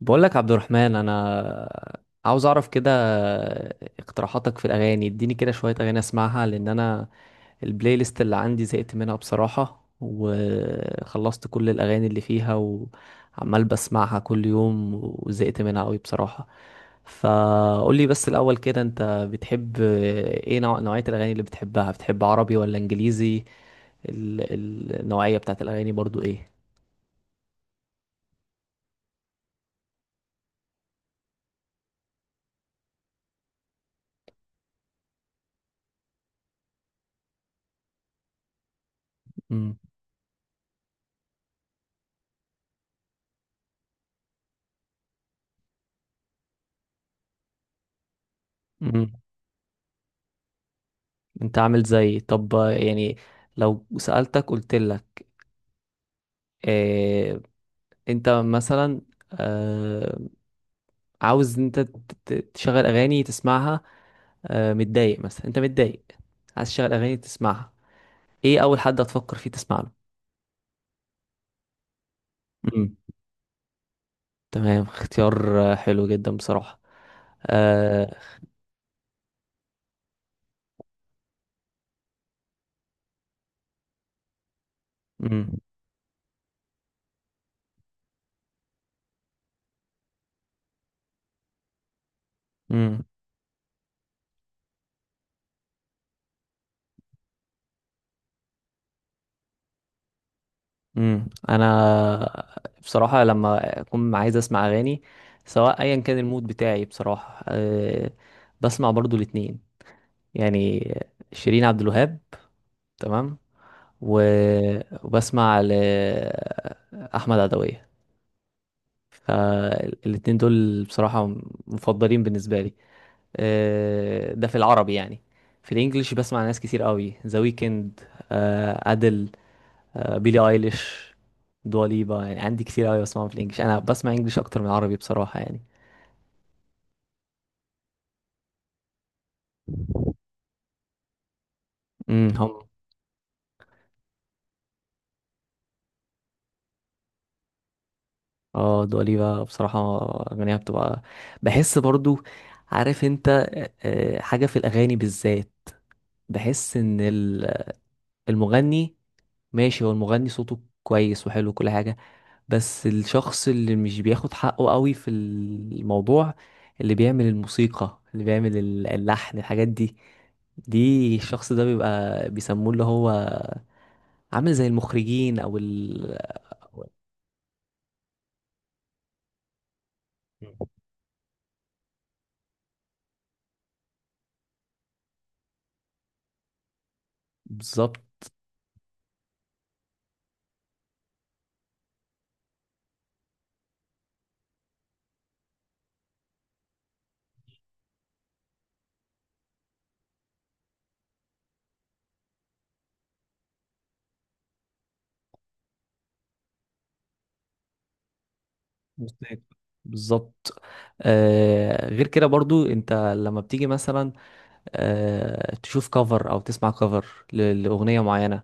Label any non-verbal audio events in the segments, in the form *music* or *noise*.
بقول لك عبد الرحمن، انا عاوز اعرف كده اقتراحاتك في الاغاني. اديني كده شوية اغاني اسمعها، لان انا البلاي ليست اللي عندي زهقت منها بصراحة، وخلصت كل الاغاني اللي فيها، وعمال بسمعها كل يوم وزهقت منها قوي بصراحة. فقول لي بس الاول كده، انت بتحب ايه؟ نوعية الاغاني اللي بتحبها، بتحب عربي ولا انجليزي؟ النوعية بتاعت الاغاني برضو ايه؟ امم. انت عامل زيي طب، يعني لو سألتك قلت لك اه؟ انت مثلا اه، عاوز انت تشغل اغاني تسمعها، اه، متضايق مثلا، انت متضايق عايز تشغل اغاني تسمعها، ايه اول حد هتفكر فيه تسمع له؟ امم. تمام، اختيار حلو جدا بصراحة. اه. امم. امم. امم. انا بصراحة لما اكون عايز اسمع اغاني، سواء ايا كان المود بتاعي بصراحة، بسمع برضو الاتنين، يعني شيرين عبد الوهاب، تمام، و- وبسمع لأحمد عدوية. فالاتنين دول بصراحة مفضلين بالنسبة لي. ده في العربي يعني. في الانجليش بسمع ناس كتير قوي، ذا ويكند، أدل، بيلي ايليش، دواليبا، يعني عندي كتير قوي بسمعهم في الانجليش، انا بسمع انجليش اكتر من عربي بصراحة يعني. امم، هم. اه، دواليبا بصراحة، أغانيها بتبقى، بحس برضو، عارف انت، حاجة في الأغاني بالذات. بحس إن المغني، ماشي هو المغني صوته كويس وحلو وكل حاجة، بس الشخص اللي مش بياخد حقه قوي في الموضوع، اللي بيعمل الموسيقى، اللي بيعمل اللحن، الحاجات دي، دي الشخص ده بيبقى بيسموه، اللي هو عامل زي المخرجين، أو مم. بالظبط. مستهلك. بالظبط. غير كده برضو، انت لما بتيجي مثلا تشوف كفر او تسمع كفر لاغنيه معينه،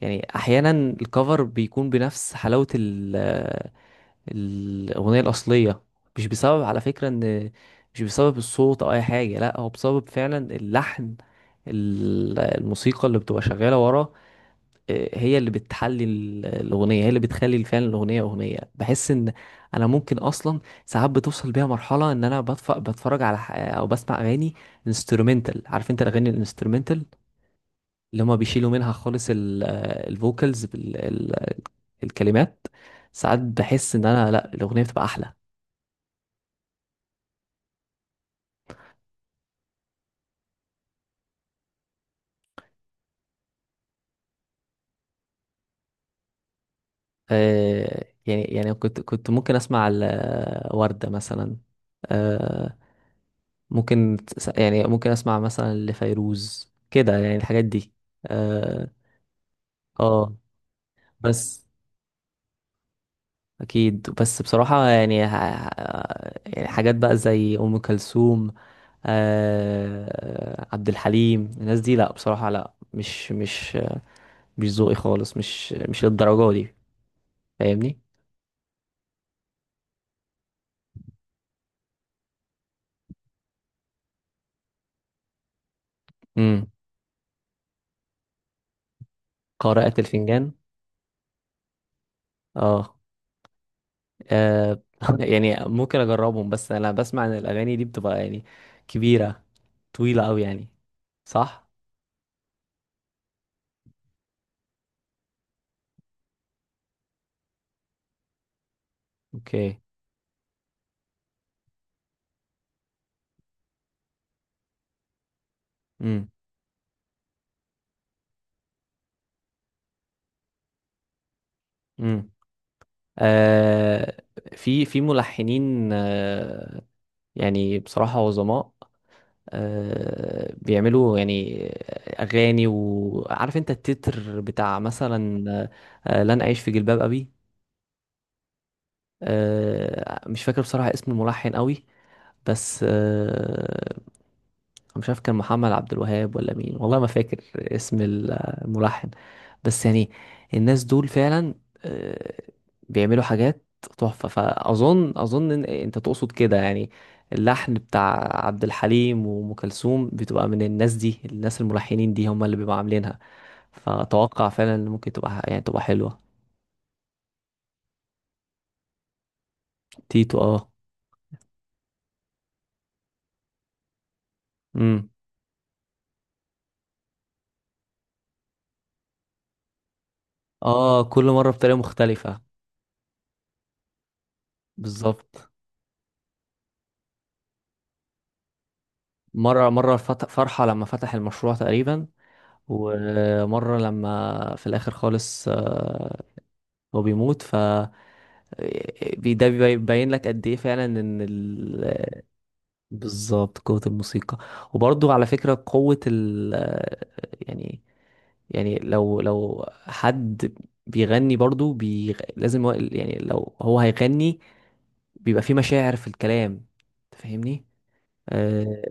يعني احيانا الكفر بيكون بنفس حلاوه الاغنيه الاصليه. مش بسبب، على فكره، ان مش بسبب الصوت او اي حاجه، لا هو بسبب فعلا اللحن، الموسيقى اللي بتبقى شغاله ورا، هي اللي بتحلي الأغنية، هي اللي بتخلي فعلا الأغنية أغنية. بحس إن أنا ممكن أصلا ساعات بتوصل بيها مرحلة إن أنا بتفرج على أو بسمع أغاني انسترومنتال، عارف أنت الأغاني الانسترومنتال، اللي هما بيشيلوا منها خالص الفوكالز، الكلمات. ساعات بحس إن أنا، لأ، الأغنية بتبقى أحلى. يعني كنت ممكن أسمع وردة مثلا، آه، ممكن يعني ممكن اسمع مثلا لفيروز كده، يعني الحاجات دي. اه. آه، بس اكيد، بس بصراحة يعني يعني حاجات بقى زي ام كلثوم، عبد الحليم، الناس دي لا بصراحة، لا مش ذوقي خالص، مش للدرجة دي، فاهمني؟ امم. قارئة الفنجان، اه. آه *laughs* يعني ممكن اجربهم، بس انا بسمع ان الاغاني دي بتبقى يعني كبيره، طويله قوي يعني. صح. اوكي. امم. امم. آه. في ملحنين، يعني بصراحه عظماء، بيعملوا يعني اغاني، وعارف انت التتر بتاع مثلا لن اعيش في جلباب ابي. مش فاكر بصراحه اسم الملحن قوي، بس مش عارف كان محمد عبد الوهاب ولا مين، والله ما فاكر اسم الملحن، بس يعني الناس دول فعلا آه، بيعملوا حاجات تحفة. فأظن إن أنت تقصد كده يعني، اللحن بتاع عبد الحليم وأم كلثوم بتبقى من الناس دي، الناس الملحنين دي هم اللي بيبقوا عاملينها. فأتوقع فعلا إن ممكن تبقى يعني تبقى حلوة. تيتو، اه. امم. اه، كل مرة بطريقة مختلفة. بالظبط. مرة فرحة لما فتح المشروع تقريبا، ومرة لما في الآخر خالص، هو بيموت. ده بيبين لك قد ايه فعلا ان بالظبط، قوة الموسيقى. وبرضو على فكرة قوة يعني، لو حد بيغني برضو لازم يعني لو هو هيغني، بيبقى فيه مشاعر في الكلام، تفهمني؟ آه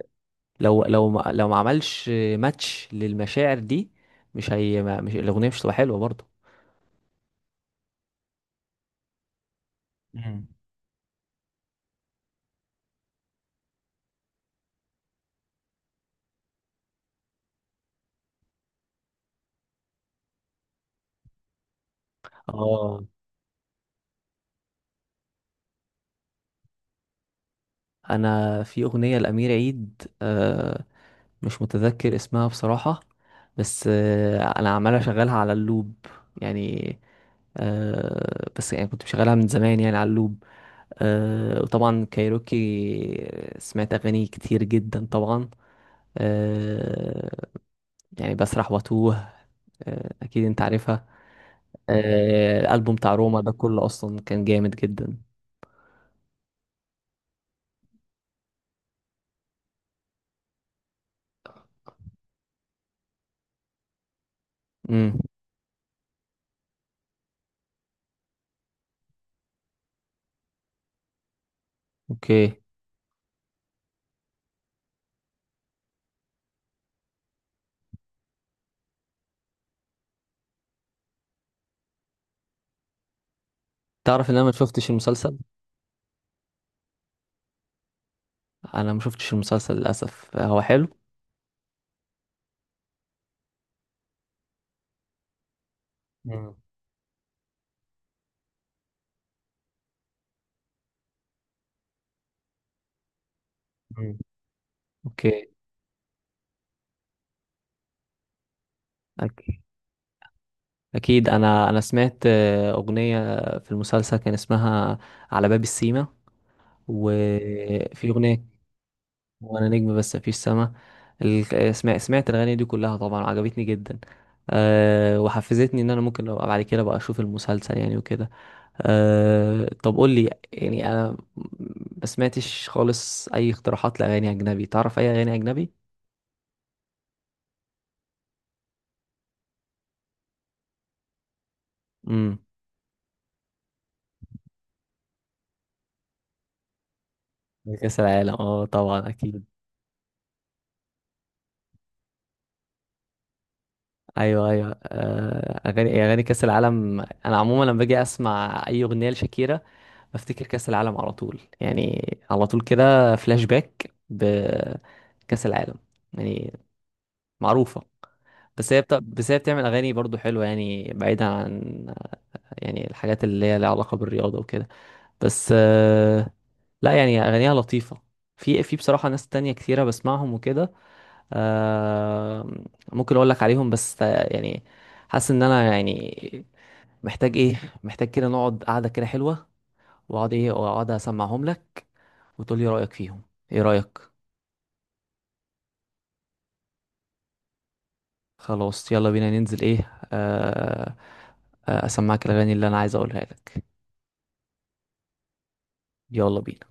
لو ما... لو ما عملش ماتش للمشاعر دي، مش هي ما... مش الأغنية مش هتبقى حلوة برضو. مم. اه، انا في اغنيه لامير عيد، مش متذكر اسمها بصراحه، بس انا عمال اشغلها على اللوب يعني. بس يعني كنت مشغلها من زمان يعني على اللوب. وطبعا كايروكي، سمعت اغاني كتير جدا طبعا. آه يعني بسرح واتوه، اكيد انت عارفها. الالبوم بتاع روما ده كله اصلا كان جامد جدا. امم. اوكي. تعرف ان انا ما شفتش المسلسل؟ انا ما شفتش المسلسل للاسف، هو حلو؟ مم. مم. اوكي. أك- اكيد انا سمعت اغنيه في المسلسل كان اسمها على باب السيما، وفي اغنيه وانا نجم بس مفيش سما. سمعت الاغاني دي كلها طبعا، عجبتني جدا. وحفزتني ان انا ممكن لو بعد كده بقى اشوف المسلسل يعني وكده. طب قول لي، يعني انا ما سمعتش خالص اي اقتراحات لاغاني اجنبي، تعرف اي اغاني اجنبي؟ امم. كأس العالم، اه طبعا اكيد. ايوه، ايوه، اغاني كأس العالم. انا عموما لما باجي اسمع اي اغنيه لشاكيرا بفتكر كأس العالم على طول، يعني على طول كده فلاش باك بكأس العالم، يعني معروفه. بس هي بتعمل اغاني برضو حلوه، يعني بعيدا عن يعني الحاجات اللي هي لها علاقه بالرياضه وكده، بس لا يعني اغانيها لطيفه. في بصراحه ناس تانية كتيره بسمعهم وكده. آه ممكن اقول لك عليهم، بس يعني حاسس ان انا يعني محتاج ايه، محتاج كده نقعد قعده كده حلوه، واقعد ايه، واقعد اسمعهم لك، وتقول لي رايك فيهم. ايه رايك؟ خلاص يلا بينا، ننزل ايه، اسمعك الاغاني اللي انا عايز اقولها لك. يلا بينا.